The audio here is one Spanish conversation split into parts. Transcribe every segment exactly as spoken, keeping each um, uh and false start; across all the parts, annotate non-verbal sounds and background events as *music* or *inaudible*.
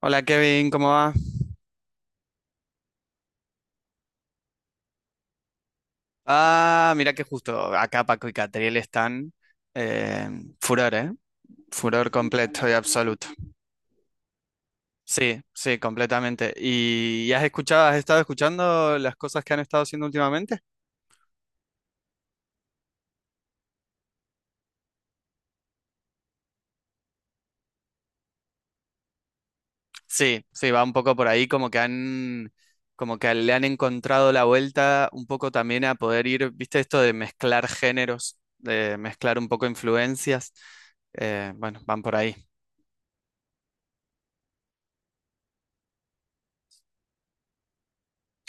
Hola Kevin, ¿cómo va? Ah, mira que justo acá Paco y Catriel están eh, furor, ¿eh? Furor completo y absoluto. Sí, sí, completamente. ¿Y, y has escuchado, has estado escuchando las cosas que han estado haciendo últimamente? Sí, sí, va un poco por ahí, como que han, como que le han encontrado la vuelta un poco también a poder ir, ¿viste esto de mezclar géneros, de mezclar un poco influencias? Eh, bueno, van por ahí.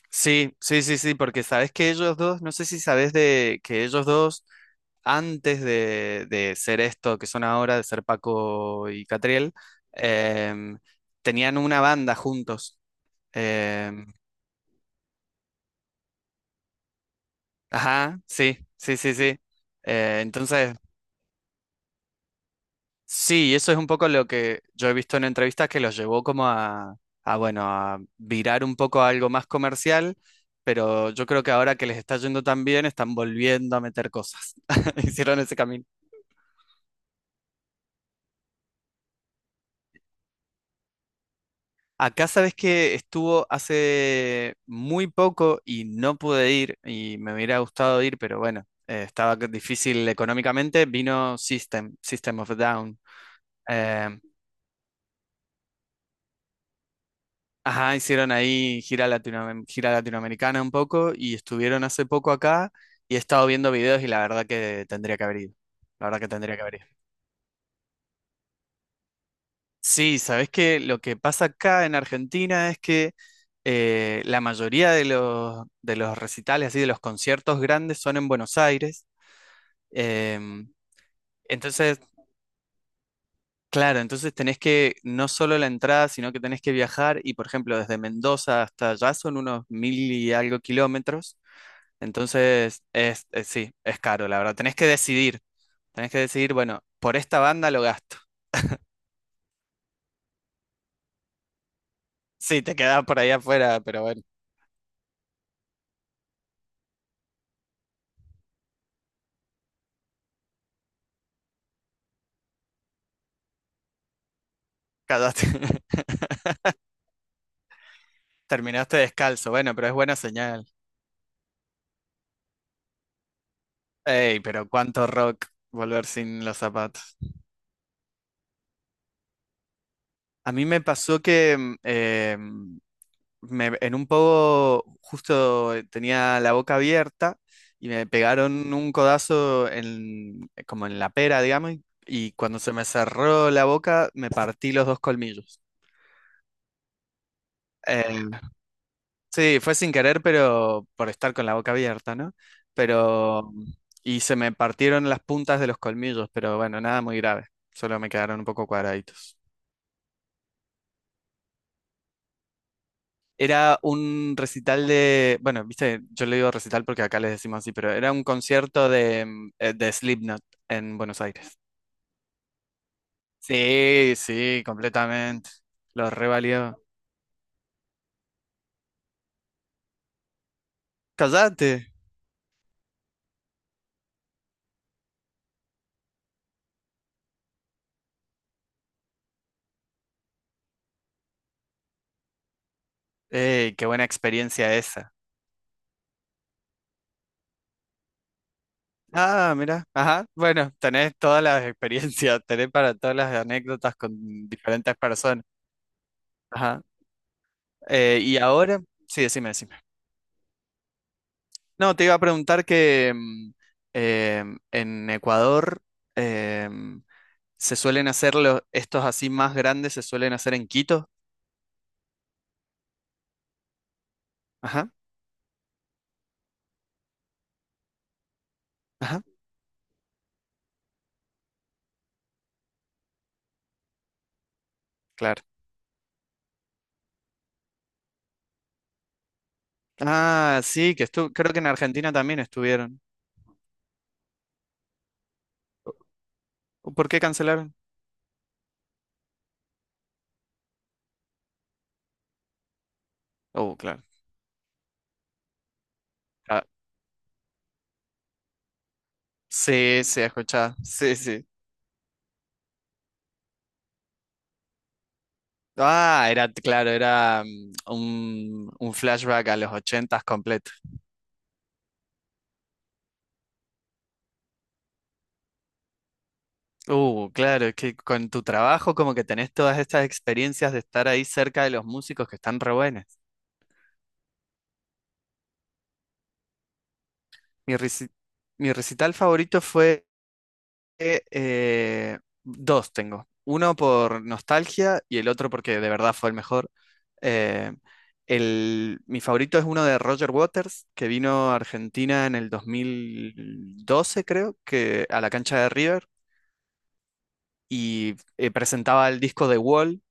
Sí, sí, sí, sí, porque sabes que ellos dos, no sé si sabes de que ellos dos, antes de, de ser esto que son ahora, de ser Paco y Catriel, em, tenían una banda juntos. Em, ajá, sí, sí, sí, sí. Eh, entonces, sí, eso es un poco lo que yo he visto en entrevistas que los llevó como a, a, bueno, a virar un poco a algo más comercial, pero yo creo que ahora que les está yendo tan bien, están volviendo a meter cosas. *laughs* Hicieron ese camino. Acá sabes que estuvo hace muy poco y no pude ir y me hubiera gustado ir, pero bueno, eh, estaba difícil económicamente. Vino System, System of a Down. Eh, Ajá, hicieron ahí gira latinoam- gira latinoamericana un poco y estuvieron hace poco acá y he estado viendo videos y la verdad que tendría que haber ido. La verdad que tendría que haber ido. Sí, sabes que lo que pasa acá en Argentina es que eh, la mayoría de los, de los recitales, así de los conciertos grandes, son en Buenos Aires. Em, entonces, claro, entonces tenés que no solo la entrada, sino que tenés que viajar y, por ejemplo, desde Mendoza hasta allá son unos mil y algo kilómetros. Entonces, es, es- sí, es caro, la verdad. Tenés que decidir, tenés que decidir, bueno, por esta banda lo gasto. *laughs* Sí, te quedás por ahí afuera, pero bueno, cagaste. *laughs* Terminaste descalzo, bueno, pero es buena señal. Ey, pero cuánto rock volver sin los zapatos. A mí me pasó que mm, eh, mm, me- en un poco justo eh, tenía la boca abierta y me pegaron un codazo en, como en la pera, digamos, y cuando se me cerró la boca me partí los dos colmillos. Eh, sí, fue sin querer, pero por estar con la boca abierta, ¿no? Pero, y se me partieron las puntas de los colmillos, pero bueno, nada muy grave, solo me quedaron un poco cuadraditos. Era un recital de, bueno, viste, yo le digo recital porque acá les decimos así, pero era un concierto de, mm, eh, de Slipknot en Buenos Aires. Sí, sí, completamente. Lo revalió. Cállate. Ey, qué buena experiencia esa. Ah, mira, ajá. Bueno, tenés todas las experiencias, *laughs* tenés para todas las anécdotas con diferentes personas. Ajá. Eh, y ahora, sí, decime, decime. No, te iba a preguntar que mm, em, en Ecuador em, se suelen hacer los, estos así más grandes, se suelen hacer en Quito. Ajá, ajá, claro. Ah, sí, que estu creo que en Argentina también estuvieron. ¿Por qué cancelaron? Oh, claro. Ah, sí, sí, escuchaba. Sí, sí. Ah, era, claro, era mm, un, un flashback a los ochentas completo. Uh, claro, es que con tu trabajo como que tenés todas estas experiencias de estar ahí cerca de los músicos que están re buenas. Mi, reci- Mi recital favorito fue eh, dos tengo. Uno por nostalgia y el otro porque de verdad fue el mejor. Eh, el, mi favorito es uno de Roger Waters, que vino a Argentina en el dos mil doce, creo, que a la cancha de River y eh, presentaba el disco de Wall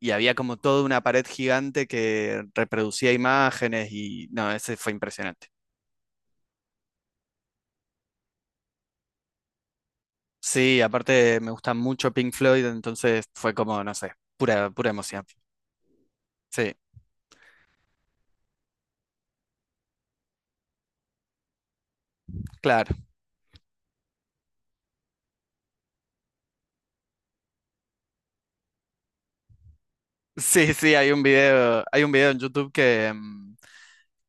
y había como toda una pared gigante que reproducía imágenes y no, ese fue impresionante. Sí, aparte me gusta mucho Pink Floyd, entonces fue como, no sé, pura, pura emoción. Sí, claro. Sí, sí, hay un video, hay un video en YouTube que, mm,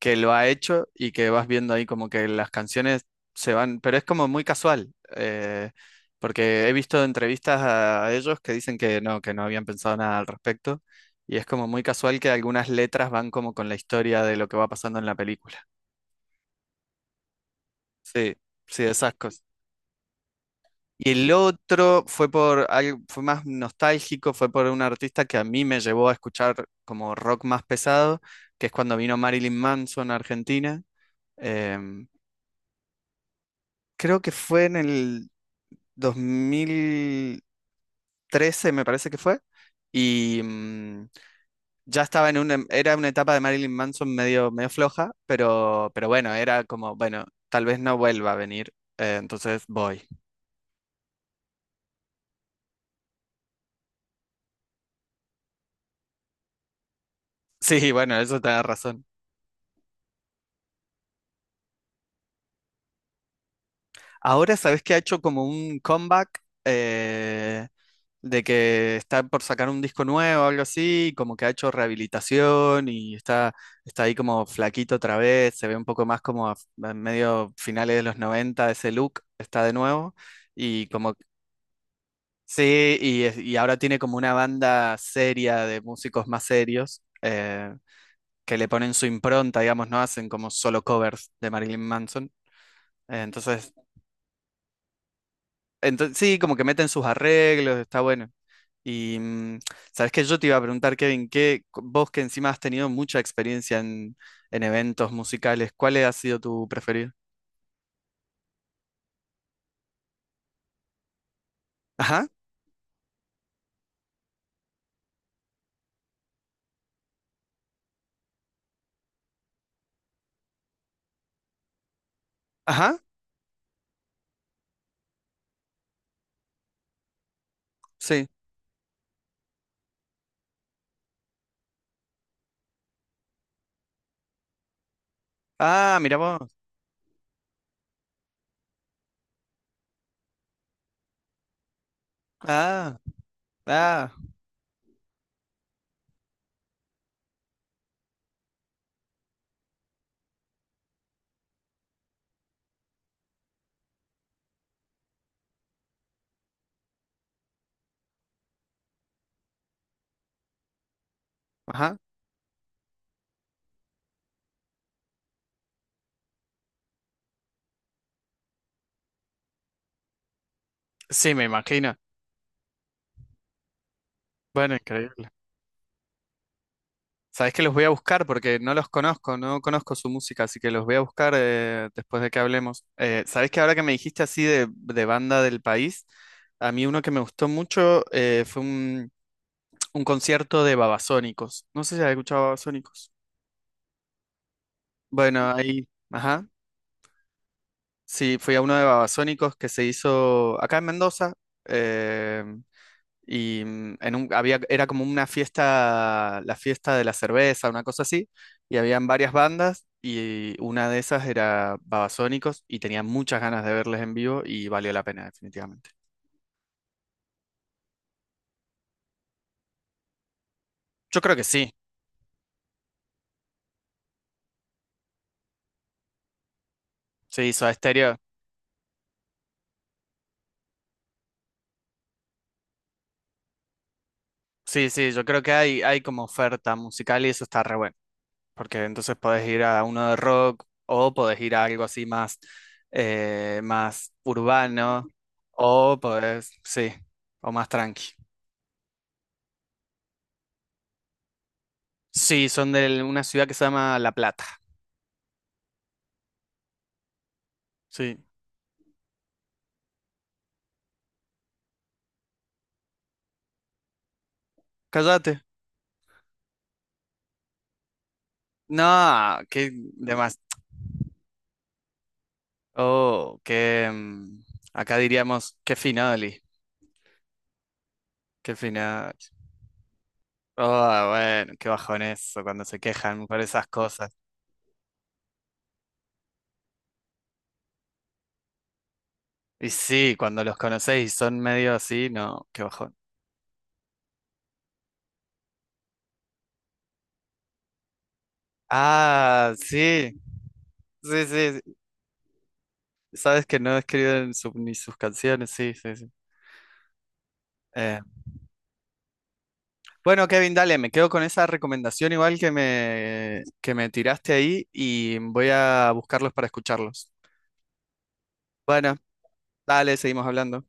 que lo ha hecho y que vas viendo ahí como que las canciones se van, pero es como muy casual, eh, porque he visto entrevistas a ellos que dicen que no, que no habían pensado nada al respecto, y es como muy casual que algunas letras van como con la historia de lo que va pasando en la película. Sí, sí, esas cosas. Y el otro fue por algo, fue más nostálgico, fue por un artista que a mí me llevó a escuchar como rock más pesado, que es cuando vino Marilyn Manson a Argentina. Em, Creo que fue en el dos mil trece me parece que fue, y mm, ya estaba en una, era una etapa de Marilyn Manson medio, medio floja, pero, pero bueno, era como, bueno, tal vez no vuelva a venir, eh, entonces voy. *laughs* Sí, bueno, eso te da razón. Ahora sabes que ha hecho como un comeback eh, de que está por sacar un disco nuevo o algo así, y como que ha hecho rehabilitación y está, está ahí como flaquito otra vez, se ve un poco más como a, a, medio finales de los noventa ese look está de nuevo, y como sí, y, es- y ahora tiene como una banda seria de músicos más serios eh, que le ponen su impronta, digamos, no hacen como solo covers de Marilyn Manson. Eh, Entonces Entonces, sí, como que meten sus arreglos, está bueno. Y mm, sabes que yo te iba a preguntar, Kevin, que vos que encima has tenido mucha experiencia en, en eventos musicales, ¿cuál ha sido tu preferido? Ajá, ajá, sí. Ah, mira vos. Ah, ah, ajá. Sí, me imagino. Bueno, increíble. Sabes que los voy a buscar porque no los conozco, no conozco su música, así que los voy a buscar eh, después de que hablemos. Eh, sabes que ahora que me dijiste así de, de banda del país, a mí uno que me gustó mucho eh, fue un un concierto de Babasónicos. No sé si has escuchado Babasónicos. Bueno, ahí, ajá. Sí, fui a uno de Babasónicos que se hizo acá en Mendoza. eh, y mm, en un, había, era como una fiesta, la fiesta de la cerveza, una cosa así. Y habían varias bandas y una de esas era Babasónicos y tenía muchas ganas de verles en vivo y valió la pena, definitivamente. Yo creo que sí. Sí, Soda Stereo. Sí, sí, yo creo que hay, hay como oferta musical y eso está re bueno. Porque entonces podés ir a uno de rock o podés ir a algo así más, eh, más urbano o podés, sí, o más tranqui. Sí, son de una ciudad que se llama La Plata. Sí. Cállate. No, qué demás. Oh, qué. mm, Acá diríamos, qué finoli, qué final. Oh, bueno, qué bajón eso cuando se quejan por esas cosas. Y sí, cuando los conocéis y son medio así, no, qué bajón. Ah, sí. Sí, sí, sí. Sabes que no he escrito en su- ni sus canciones, sí, sí, sí. Eh, bueno, Kevin, dale, me quedo con esa recomendación igual que me, que me tiraste ahí y voy a buscarlos para escucharlos. Bueno, dale, seguimos hablando.